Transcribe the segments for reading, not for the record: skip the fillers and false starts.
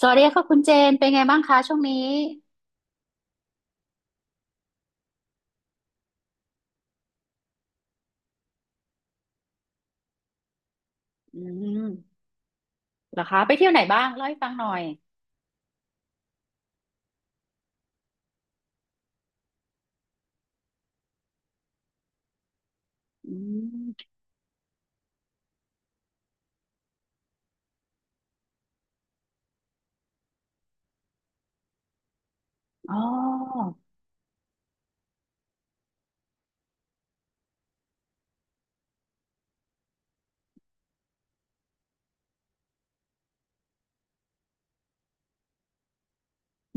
สวัสดีค่ะคุณเจนเป็นไงบ้างคะช่วงนี้อืมเหรอคะไปเที่ยวไหนบ้างเล่าให้ฟังหน่อยอืมอ๋อ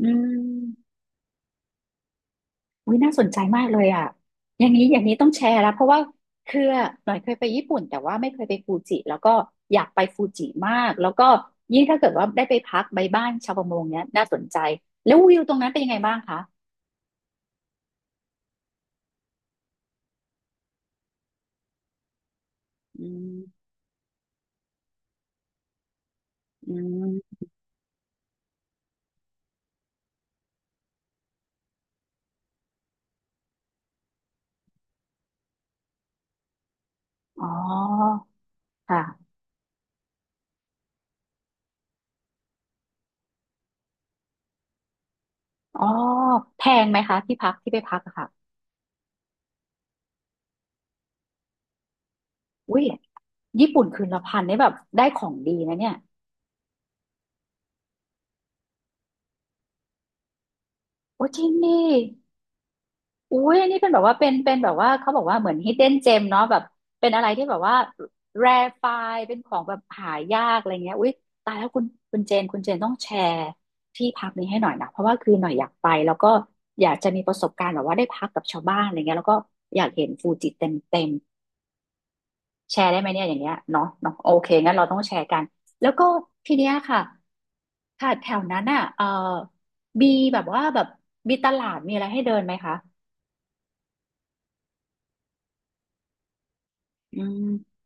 อืมวิน่าสนใจมากเลยอ่ะอย่างนี้อย่างนี้ต้องแชร์แล้วเพราะว่าคือหน่อยเคยไปญี่ปุ่นแต่ว่าไม่เคยไปฟูจิแล้วก็อยากไปฟูจิมากแล้วก็ยิ่งถ้าเกิดว่าได้ไปพักใบบ้านชาวประมงเนี้ยน่าสนใจแล้ววิวตรงนั้นเป็นยังไงบ้างคะอืมอืมอ๋อค่ะอ๋อแพงไหมคะที่พักที่ไปพักอะค่ะ อุ้ยญี่ปุ่นคืนละพันนี่แบบได้ของดีนะเนี่ยโอ้จริงดิอุ้ยอันนี้เป็นแบบว่าเป็นแบบว่าเขาบอกว่าเหมือน hidden gem เนาะแบบเป็นอะไรที่แบบว่า rare find เป็นของแบบหายากอะไรเงี้ยอุ้ยตายแล้วคุณเจนต้องแชร์ที่พักนี้ให้หน่อยนะเพราะว่าคือหน่อยอยากไปแล้วก็อยากจะมีประสบการณ์แบบว่าได้พักกับชาวบ้านอะไรเงี้ยแล้วก็อยากเห็นฟูจิเต็มเต็ม แชร์ได้ไหมเนี่ยอย่างเงี้ยเนาะเนาะโอเคงั้นเราต้องแชร์กันแล้วก็ทีเนี้ยค่ะค่ะแถวนั้นอ่ะเออมีแบบว่าแบบมีตลาดมีอะไรให้เดินไหมคะอืม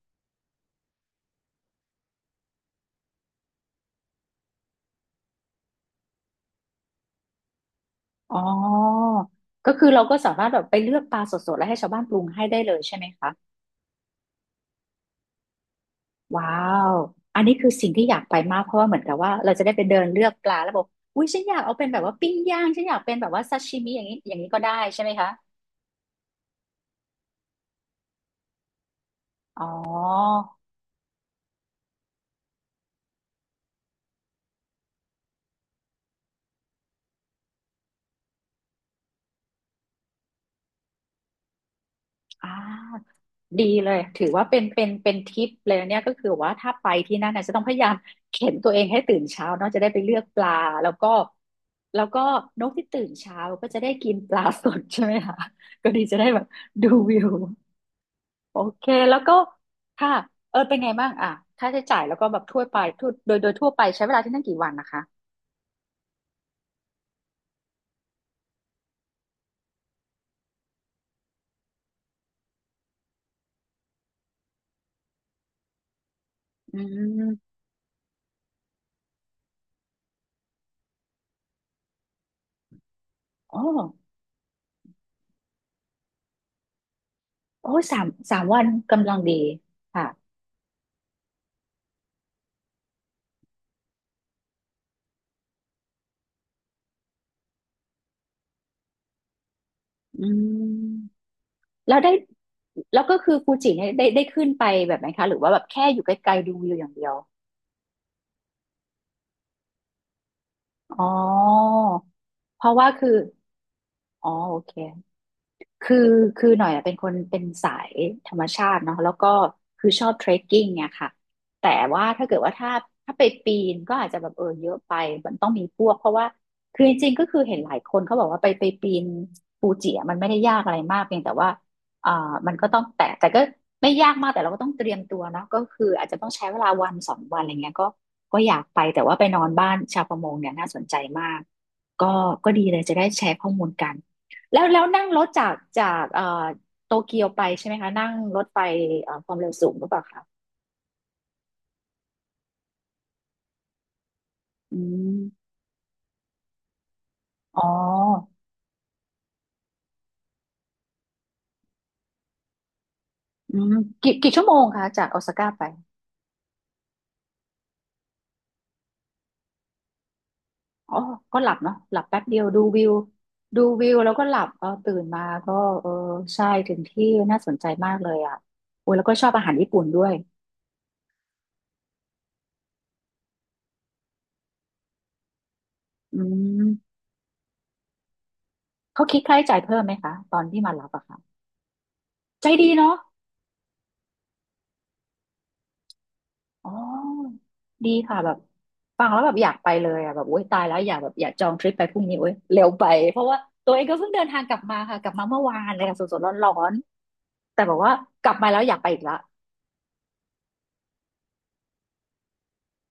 อ๋อก็คือเราก็สามารถแบบไปเลือกปลาสดๆแล้วให้ชาวบ้านปรุงให้ได้เลยใช่ไหมคะว้าวอันนี้คือสิ่งที่อยากไปมากเพราะว่าเหมือนกับว่าเราจะได้ไปเดินเลือกปลาแล้วบอกอุ้ยฉันอยากเอาเป็นแบบว่าปิ้งย่างฉันอยากเป็นแบบว่าซาชิมิอย่างนี้อย่างนี้ก็ได้ใช่ไหมคะอ๋อ อ่าดีเลยถือว่าเป็นทิปเลยเนี่ยก็คือว่าถ้าไปที่นั่นนะจะต้องพยายามเข็นตัวเองให้ตื่นเช้าเนาะจะได้ไปเลือกปลาแล้วก็แล้วก็นกที่ตื่นเช้าก็จะได้กินปลาสดใช่ไหมคะก็ดีจะได้แบบดูวิวโอเคแล้วก็ค่ะเออเป็นไงบ้างอ่ะค่าใช้จ่ายแล้วก็แบบทั่วไปทั่วโดยโดยทั่วไปใช้เวลาที่นั่นกี่วันนะคะอืมอ๋อโอ้สามสามวันกำลังดีค่ะอืม แล้วได้แล้วก็คือฟูจิเนี่ยได้ขึ้นไปแบบไหนคะหรือว่าแบบแค่อยู่ใกล้ๆดูวิวอย่างเดียวอ๋อเพราะว่าคืออ๋อโอเค คือคือหน่อยอะเป็นคนเป็นสายธรรมชาติเนาะแล้วก็คือชอบเทรคกิ้งเนี่ยค่ะแต่ว่าถ้าเกิดว่าถ้าไปปีนก็อาจจะแบบเออเยอะไปมันต้องมีพวกเพราะว่าคือจริงๆก็คือเห็นหลายคนเขาบอกว่าไปปีนฟูจิอะมันไม่ได้ยากอะไรมากเพียงแต่ว่าอ่ามันก็ต้องแต่ก็ไม่ยากมากแต่เราก็ต้องเตรียมตัวเนาะก็คืออาจจะต้องใช้เวลาวันสองวันอะไรเงี้ยก็ก็อยากไปแต่ว่าไปนอนบ้านชาวประมงเนี่ยน่าสนใจมากก็ก็ดีเลยจะได้แชร์ข้อมูลกัน แล้วนั่งรถจากโตเกียวไปใช่ไหมคะนั่งรถไฟความเร็วสูงหรือเปล่าคะอืมอ๋ออืมกี่ชั่วโมงคะจากโอซาก้าไปอ๋อก็หลับเนาะหลับแป๊บเดียวดูวิวแล้วก็หลับเออตื่นมาก็เออใช่ถึงที่น่าสนใจมากเลยอ่ะโอ้ยแล้วก็ชอบอาหารญี่ปุ่นด้วยอืมเขาคิดค่าใช้จ่ายเพิ่มไหมคะตอนที่มารับอะค่ะใจดีเนาะ อ๋อ ดีค่ะแบบฟังแล้วแบบอยากไปเลยอ่ะแบบโอ๊ยตายแล้วอยากแบบอยากจองทริปไปพรุ่งนี้โอ๊ยเร็วไปเพราะว่าตัวเองก็เพิ่งเดินทางกลับมาค่ะกลับมาเมื่อวานเลยค่ะสดๆร้อนๆแต่บอกว่ากลับมาแล้วอยากไปอีกละ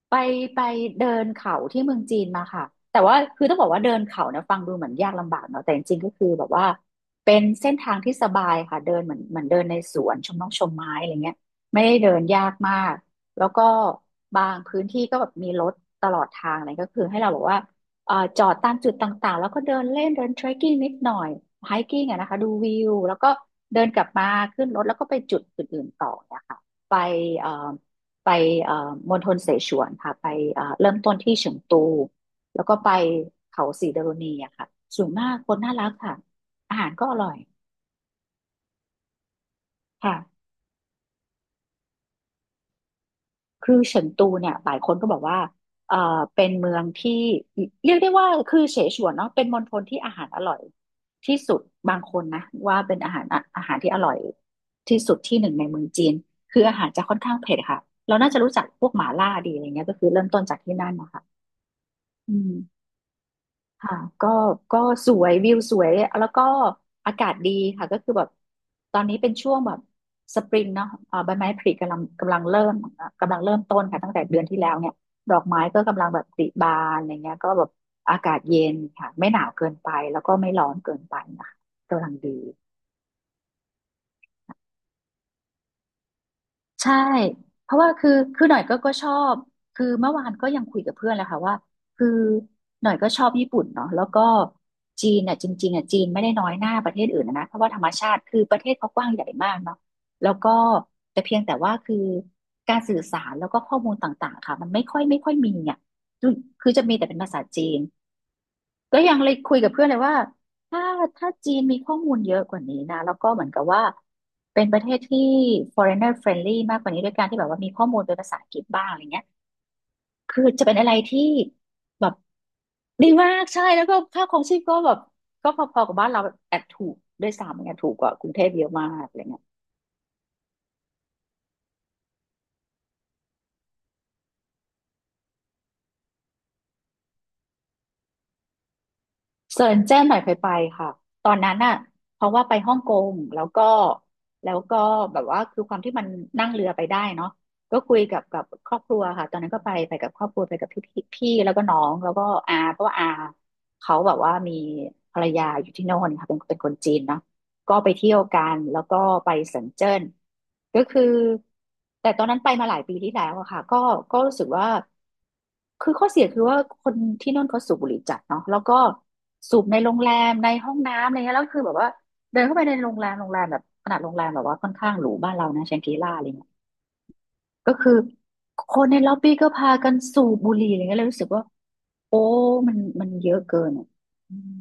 ไปไปเดินเขาที่เมืองจีนมาค่ะแต่ว่าคือต้องบอกว่าเดินเขาเนี่ยฟังดูเหมือนยากลำบากเนาะแต่จริงๆก็คือแบบว่าเป็นเส้นทางที่สบายค่ะเดินเหมือนเดินในสวนชมนกชมไม้อะไรเงี้ยไม่ได้เดินยากมากแล้วก็บางพื้นที่ก็แบบมีรถตลอดทางอะไรก็คือให้เราแบอกว่าจอดตามจุดต่างๆแล้วก็เดินเล่นเดินเทรคกิ้งนิดหน่อยไฮกิ้งอะนะคะดูวิวแล้วก็เดินกลับมาขึ้นรถแล้วก็ไปจุดอื่นๆต่อเนี่ยค่ะไปเอ่อ ไปเอ่อมณฑลเสฉวนค่ะไปเริ่มต้นที่เฉิงตูแล้วก็ไปเขาสีดารุณีอะค่ะสวยมากคนน่ารักค่ะอาหารก็อร่อยค่ะคือเฉิงตูเนี่ยหลายคนก็บอกว่าเอ่อเป็นเมืองที่เรียกได้ว่าคือเสฉวนเนาะเป็นมณฑลที่อาหารอร่อยที่สุดบางคนนะว่าเป็นอาหารที่อร่อยที่สุดที่หนึ่งในเมืองจีนคืออาหารจะค่อนข้างเผ็ดค่ะเราน่าจะรู้จักพวกหม่าล่าดีอะไรเงี้ยก็คือเริ่มต้นจากที่นั่นนะคะอืม ค่ะก็ก็สวยวิวสวยแล้วก็อากาศดีค่ะก็คือแบบตอนนี้เป็นช่วงแบบสปริงเนาะเอ่อใบไม้ผลิกำลังเริ่มกำลังเริ่มต้นค่ะตั้งแต่เดือนที่แล้วเนี่ยดอกไม้ก็กำลังแบบผลิบานอะไรเงี้ยก็แบบอากาศเย็นค่ะไม่หนาวเกินไปแล้วก็ไม่ร้อนเกินไปนะคะกำลังดี ใช่เพราะว่าคือคือหน่อยก็ชอบคือเมื่อวานก็ยังคุยกับเพื่อนแหละค่ะว่าคือหน่อยก็ชอบญี่ปุ่นเนาะแล้วก็จีนเนี่ยจริงๆอ่ะจีนไม่ได้น้อยหน้าประเทศอื่นนะเพราะว่าธรรมชาติคือประเทศเขากว้างใหญ่มากเนาะแล้วก็แต่เพียงแต่ว่าคือการสื่อสารแล้วก็ข้อมูลต่างๆค่ะมันไม่ค่อยมีอ่ะคือคือจะมีแต่เป็นภาษาจีน ก็ยังเลยคุยกับเพื่อนเลยว่าถ้าถ้าจีนมีข้อมูลเยอะกว่านี้นะแล้วก็เหมือนกับว่าเป็นประเทศที่ foreigner friendly มากกว่านี้ด้วยการที่แบบว่ามีข้อมูลเป็นภาษาอังกฤษบ้างอะไรเงี้ยคือจะเป็นอะไรที่แบบดีมากใช่แล้วก็ค่าครองชีพก็แบบก็พอๆกับบ้านเราแอบถูกด้วยซ้ำเนี่ยถูกกว่ากรุงเทพเยอะมากอะไรเงี้ย เซินเจิ้นหน่อยเคยไปค่ะตอนนั้นน่ะเพราะว่าไปฮ่องกงแล้วก็แล้วก็แบบว่าคือความที่มันนั่งเรือไปได้เนาะก็คุยกับกับครอบครัวค่ะตอนนั้นก็ไปกับครอบครัวไปกับพี่พี่แล้วก็น้องแล้วก็อาเพราะว่าอาเขาแบบว่ามีภรรยาอยู่ที่โน่นค่ะเป็นคนจีนเนาะ ก็ไปเที่ยวกันแล้วก็ไปเซินเจิ้นก็คือแต่ตอนนั้นไปมาหลายปีที่แล้วอะค่ะก็ก็รู้สึกว่าคือข้อเสียคือว่าคนที่นั่นเขาสูบบุหรี่จัดเนาะแล้วก็สูบในโรงแรมในห้องน้ำอะไรเงี้ยแล้วคือแบบว่าเดินเข้าไปในโรงแรมโรงแรมแบบขนาดโรงแรมแบบว่าค่อนข้างหรูบ้านเรานะแชงกรีล่าอะไรเงี้ยก็คือคนในล็อบบี้ก็พากันสูบบุหรี่อะไรเงี้ยเลยรู้สึกว่าโอ้มันเยอะเกินอะอืม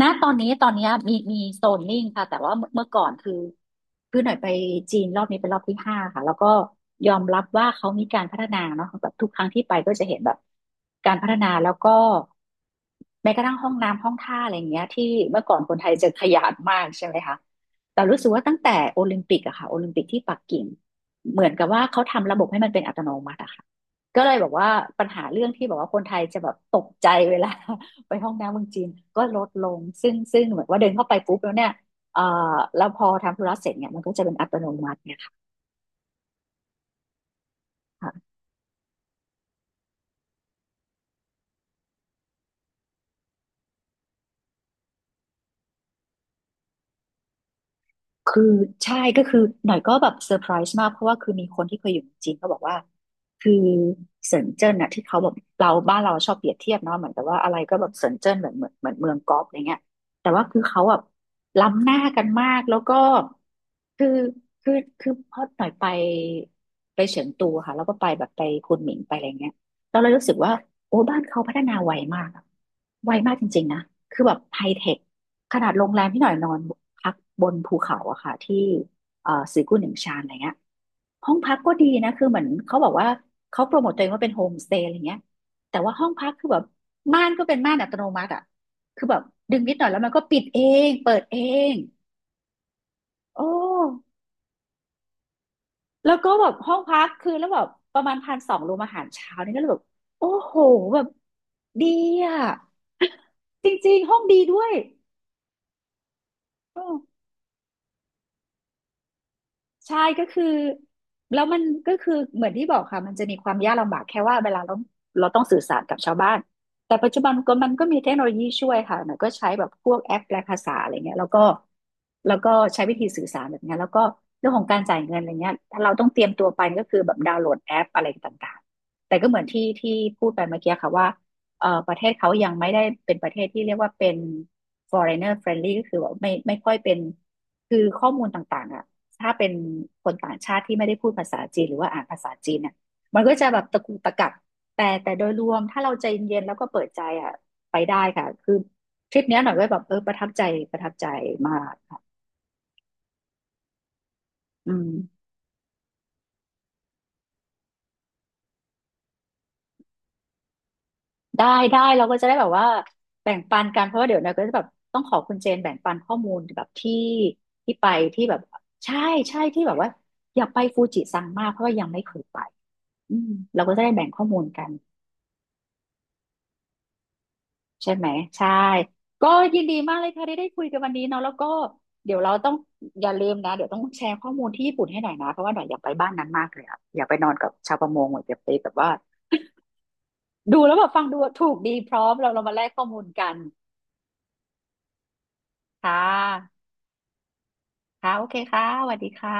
ณตอนนี้ตอนเนี้ยมีโซนนิ่งค่ะแต่ว่าเมื่อก่อนคือคือหน่อยไปจีนรอบนี้เป็นรอบที่ห้าค่ะแล้วก็ยอมรับว่าเขามีการพัฒนาเนาะแบบทุกครั้งที่ไปก็จะเห็นแบบการพัฒนาแล้วก็แม้กระทั่งห้องน้ำห้องท่าอะไรอย่างเงี้ยที่เมื่อก่อนคนไทยจะขยาดมากใช่ไหมคะแต่รู้สึกว่าตั้งแต่โอลิมปิกอะค่ะโอลิมปิกที่ปักกิ่งเหมือนกับว่าเขาทำระบบให้มันเป็นอัตโนมัติอะค่ะก็เลยบอกว่าปัญหาเรื่องที่บอกว่าคนไทยจะแบบตกใจเวลา ไปห้องน้ำเมืองจีนก็ลดลงซึ่งเหมือนว่าเดินเข้าไปปุ๊บแล้วเนี่ยเอ่อแล้วพอทำธุระเสร็จเนี่ยมันก็จะเป็นอัตโนมัติเนี่ยค่ะ คือใช่ก็คือหน่อยก็แบบเซอร์ไพรส์มากเพราะว่าคือมีคนที่เคยอยู่เมืองจีนเขาบอกว่าคือเซินเจิ้นน่ะที่เขาแบบเราบ้านเราชอบเปรียบเทียบเนาะเหมือนแต่ว่าอะไรก็แบบเซินเจิ้นเหมือนเมืองก๊อปอะไรเงี้ยแต่ว่าคือเขาแบบล้ำหน้ากันมากแล้วก็คือคือคือพอหน่อยไปเฉิงตูค่ะแล้วก็ไปแบบไปคุนหมิงไปอะไรเงี้ยเราเลยรู้สึกว่าโอ้บ้านเขาพัฒนาไวมากอะไวมากจริงๆนะคือแบบไฮเทค ขนาดโรงแรมที่หน่อยนอนพักบนภูเขาอะค่ะที่สีกุนหนึ่งชานอะไรเงี้ยห้องพักก็ดีนะคือเหมือนเขาบอกว่าเขาโปรโมตตัวเองว่าเป็นโฮมสเตย์อะไรเงี้ยแต่ว่าห้องพักคือแบบม่านก็เป็นม่านอัตโนมัติอะคือแบบดึงนิดหน่อยแล้วมันก็ปิดเองเปิดเองโอ้แล้วก็แบบห้องพักคือแล้วแบบประมาณ1,200รวมอาหารเช้านี่ก็เลยแบบโอ้โหแบบดีอ่ะ จริงๆห้องดีด้วย ใช่ก็คือแล้วมันก็คือเหมือนที่บอกค่ะมันจะมีความยากลำบากแค่ว่าเวลาเราต้องสื่อสารกับชาวบ้านแต่ปัจจุบันก็มันก็มีเทคโนโลยีช่วยค่ะหน่อยก็ใช้แบบพวกแอปแปลภาษาอะไรเงี้ยแล้วก็ใช้วิธีสื่อสารแบบเนี้ยแล้วก็เรื่องของการจ่ายเงินอะไรเงี้ยถ้าเราต้องเตรียมตัวไปก็คือแบบดาวน์โหลดแอปอะไรต่างๆแต่ก็เหมือนที่พูดไปเมื่อกี้ค่ะว่าประเทศเขายังไม่ได้เป็นประเทศที่เรียกว่าเป็น foreigner friendly ก็คือแบบไม่ค่อยเป็นคือข้อมูลต่างๆอ่ะ ถ้าเป็นคนต่างชาติที่ไม่ได้พูดภาษาจีนหรือว่าอ่านภาษาจีนเนี่ยมันก็จะแบบตะกุกตะกักแต่โดยรวมถ้าเราใจเย็นๆแล้วก็เปิดใจอ่ะไปได้ค่ะคือทริปเนี้ยหน่อยก็แบบเออประทับใจประทับใจมากอืมได้ได้เราก็จะได้แบบว่าแบ่งปันกันเพราะว่าเดี๋ยวนะก็จะแบบต้องขอคุณเจนแบ่งปันข้อมูลแบบที่ที่ไปที่แบบใช่ใช่ที่แบบว่าอยากไปฟูจิซังมากเพราะว่ายังไม่เคยไปอืมเราก็จะได้แบ่งข้อมูลกัน ใช่ไหมใช่ก็ยินดีมากเลยค่ะที่ได้คุยกันวันนี้เนาะแล้วก็เดี๋ยวเราต้องอย่าลืมนะเดี๋ยวต้องแชร์ข้อมูลที่ญี่ปุ่นให้หน่อยนะเพราะว่าหน่อยอยากไปบ้านนั้นมากเลยอะอยากไปนอนกับชาวประมงหน่อยอยากไปแบบว่าดูแล้วแบบฟังดูถูกดีพร้อมเรามาแลกข้อมูลกันค่ะค่ะโอเคค่ะสวัสดีค่ะ